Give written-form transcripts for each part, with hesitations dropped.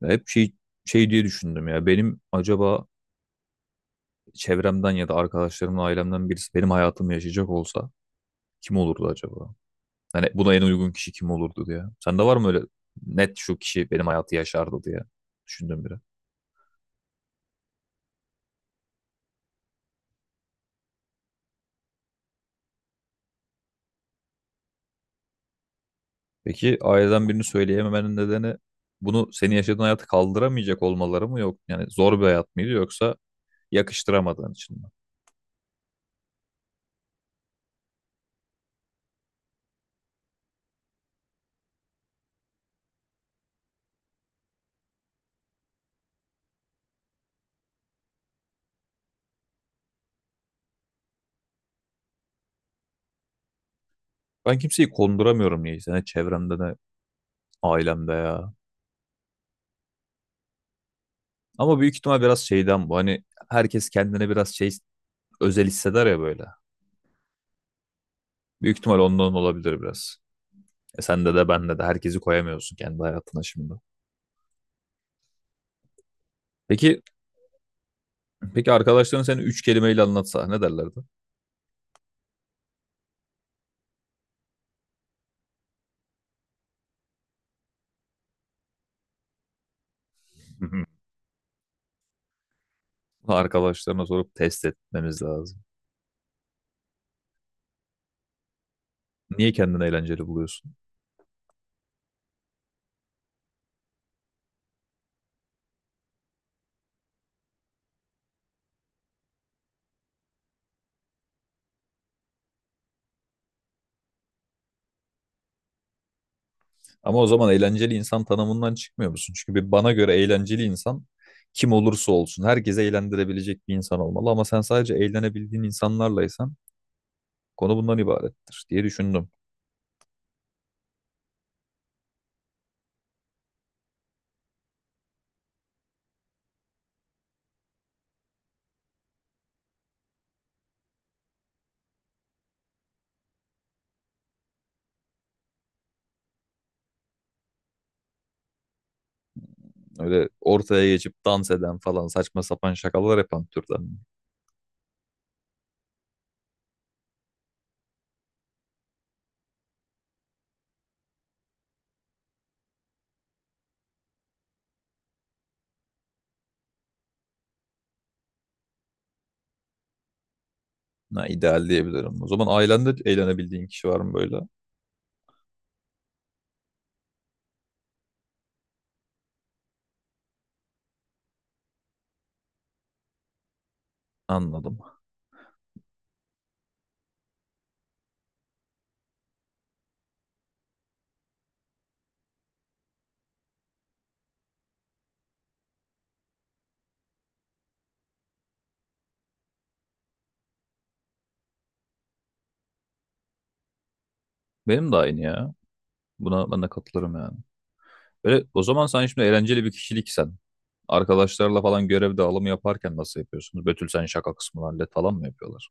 Ya hep şey diye düşündüm ya. Benim acaba çevremden ya da arkadaşlarımdan, ailemden birisi benim hayatımı yaşayacak olsa kim olurdu acaba? Hani buna en uygun kişi kim olurdu diye. Sende var mı öyle net şu kişi benim hayatı yaşardı diye düşündüm biri. Peki aileden birini söyleyememenin nedeni bunu senin yaşadığın hayatı kaldıramayacak olmaları mı yok? Yani zor bir hayat mıydı yoksa yakıştıramadığın için mi? Ben kimseyi konduramıyorum niyeyse. Ne çevremde ne ailemde ya. Ama büyük ihtimal biraz şeyden bu. Hani herkes kendine biraz şey özel hisseder ya böyle. Büyük ihtimal ondan olabilir biraz. E sende de bende de herkesi koyamıyorsun kendi hayatına şimdi. Peki peki arkadaşların seni üç kelimeyle anlatsa ne derlerdi? Arkadaşlarına sorup test etmemiz lazım. Niye kendini eğlenceli buluyorsun? Ama o zaman eğlenceli insan tanımından çıkmıyor musun? Çünkü bir bana göre eğlenceli insan kim olursa olsun herkese eğlendirebilecek bir insan olmalı. Ama sen sadece eğlenebildiğin insanlarlaysan konu bundan ibarettir diye düşündüm. Öyle ortaya geçip dans eden falan saçma sapan şakalar yapan türden. Ha, ideal diyebilirim. O zaman ailende eğlenebildiğin kişi var mı böyle? Anladım. Benim de aynı ya. Buna ben de katılırım yani. Böyle, o zaman sen şimdi eğlenceli bir kişiliksen. Arkadaşlarla falan görev dağılımı yaparken nasıl yapıyorsunuz? Betül sen şaka kısmını hallet falan mı yapıyorlar?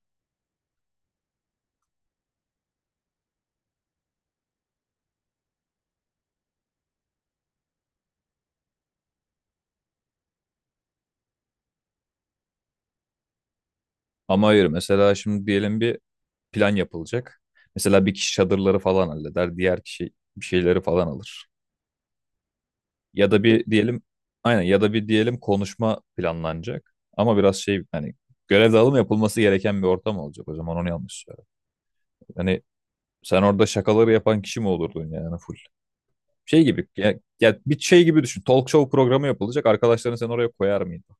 Ama hayır mesela şimdi diyelim bir plan yapılacak. Mesela bir kişi çadırları falan halleder, diğer kişi bir şeyleri falan alır. Ya da bir diyelim aynen ya da bir diyelim konuşma planlanacak. Ama biraz şey hani görev dağılımı yapılması gereken bir ortam olacak o zaman onu yanlış söylüyorum. Hani sen orada şakaları yapan kişi mi olurdun yani full? Şey gibi ya, ya bir şey gibi düşün. Talk show programı yapılacak. Arkadaşlarını sen oraya koyar mıydın?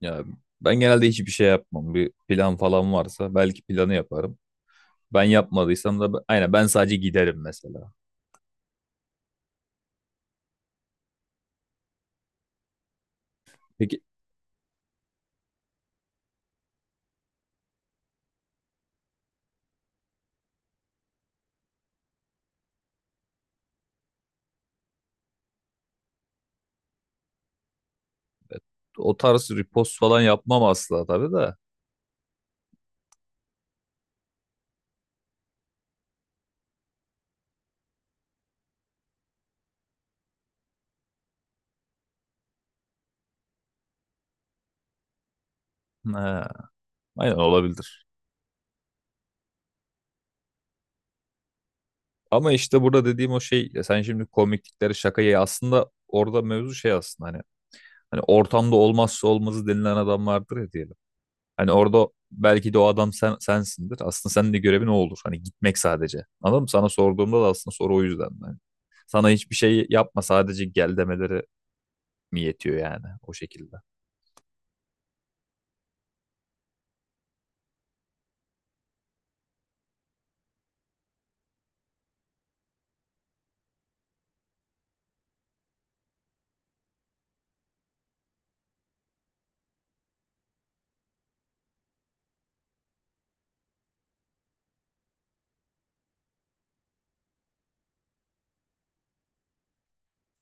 Ya ben genelde hiçbir şey yapmam. Bir plan falan varsa belki planı yaparım. Ben yapmadıysam da aynen ben sadece giderim mesela. Peki o tarz repost falan yapmam asla tabii de. Ha, aynen olabilir. Ama işte burada dediğim o şey ya sen şimdi komiklikleri şakayı aslında orada mevzu şey aslında hani ortamda olmazsa olmazı denilen adam vardır ya diyelim. Hani orada belki de o adam sen, sensindir. Aslında senin de görevin o olur. Hani gitmek sadece. Anladın mı? Sana sorduğumda da aslında soru o yüzden. Yani sana hiçbir şey yapma sadece gel demeleri mi yetiyor yani o şekilde.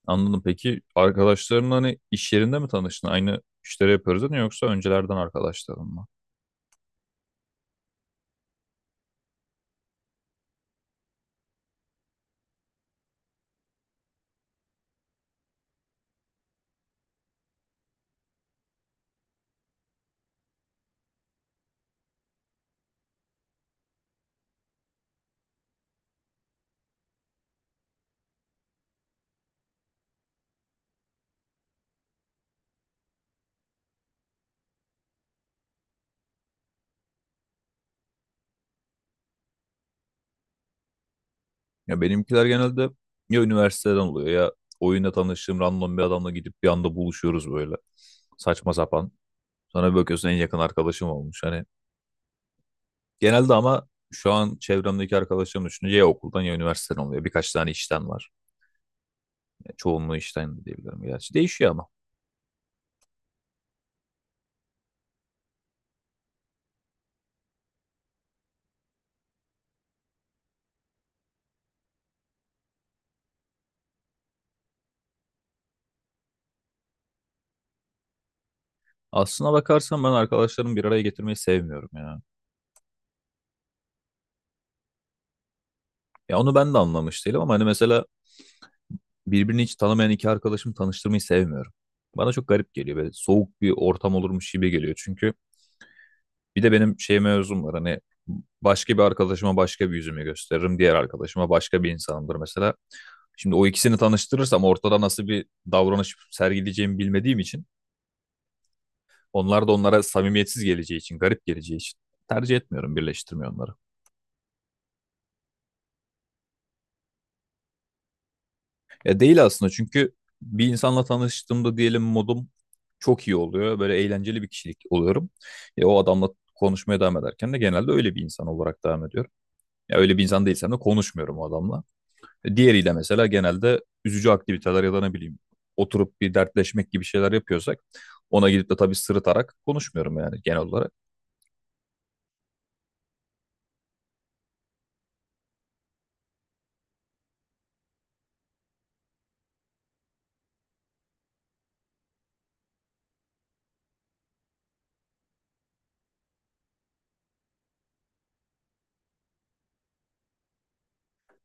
Anladım. Peki arkadaşların hani iş yerinde mi tanıştın? Aynı işleri yapıyoruz değil mi? Yoksa öncelerden arkadaşların mı? Ya benimkiler genelde ya üniversiteden oluyor ya oyunda tanıştığım random bir adamla gidip bir anda buluşuyoruz böyle. Saçma sapan. Sonra bir bakıyorsun en yakın arkadaşım olmuş. Hani genelde ama şu an çevremdeki arkadaşlarım düşününce ya okuldan ya üniversiteden oluyor. Birkaç tane işten var. Yani çoğunluğu işten de diyebilirim gerçi. Değişiyor ama. Aslına bakarsan ben arkadaşlarımı bir araya getirmeyi sevmiyorum ya. Ya onu ben de anlamış değilim ama hani mesela birbirini hiç tanımayan iki arkadaşımı tanıştırmayı sevmiyorum. Bana çok garip geliyor ve soğuk bir ortam olurmuş gibi geliyor. Çünkü bir de benim şey mevzum var hani başka bir arkadaşıma başka bir yüzümü gösteririm. Diğer arkadaşıma başka bir insanımdır mesela. Şimdi o ikisini tanıştırırsam ortada nasıl bir davranış sergileyeceğimi bilmediğim için onlar da onlara samimiyetsiz geleceği için, garip geleceği için tercih etmiyorum, birleştirmiyorum onları. Ya değil aslında çünkü bir insanla tanıştığımda diyelim modum çok iyi oluyor. Böyle eğlenceli bir kişilik oluyorum. Ya o adamla konuşmaya devam ederken de genelde öyle bir insan olarak devam ediyorum. Ya öyle bir insan değilsem de konuşmuyorum o adamla. Diğeriyle mesela genelde üzücü aktiviteler ya da ne bileyim oturup bir dertleşmek gibi şeyler yapıyorsak ona gidip de tabii sırıtarak konuşmuyorum yani genel olarak.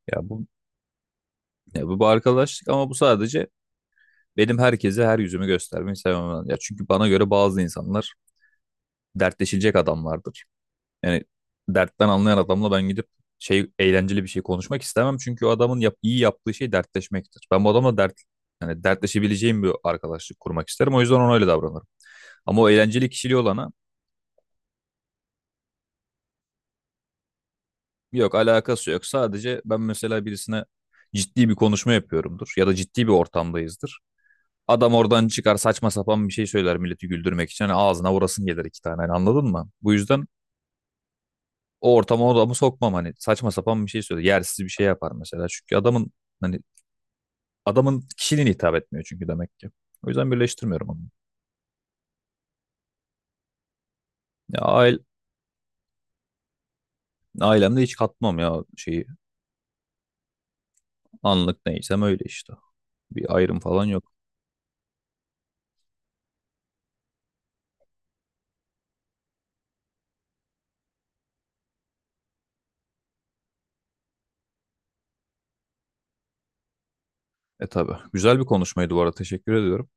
Ya bu ya bu bir arkadaşlık ama bu sadece benim herkese her yüzümü göstermeyi sevmem. Ya çünkü bana göre bazı insanlar dertleşilecek adamlardır. Yani dertten anlayan adamla ben gidip şey eğlenceli bir şey konuşmak istemem çünkü o adamın yap, iyi yaptığı şey dertleşmektir. Ben bu adamla dert yani dertleşebileceğim bir arkadaşlık kurmak isterim. O yüzden ona öyle davranırım. Ama o eğlenceli kişiliği olana yok alakası yok. Sadece ben mesela birisine ciddi bir konuşma yapıyorumdur ya da ciddi bir ortamdayızdır. Adam oradan çıkar saçma sapan bir şey söyler milleti güldürmek için. Hani ağzına vurasın gelir iki tane hani anladın mı? Bu yüzden o ortama o adamı sokmam hani saçma sapan bir şey söyler. Yersiz bir şey yapar mesela. Çünkü adamın hani adamın kişiliğine hitap etmiyor çünkü demek ki. O yüzden birleştirmiyorum onu. Ya aile, ailemde hiç katmam ya şeyi. Anlık neysem öyle işte. Bir ayrım falan yok. E tabii. Güzel bir konuşmaydı bu arada. Teşekkür ediyorum.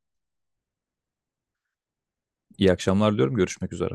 İyi akşamlar diyorum. Görüşmek üzere.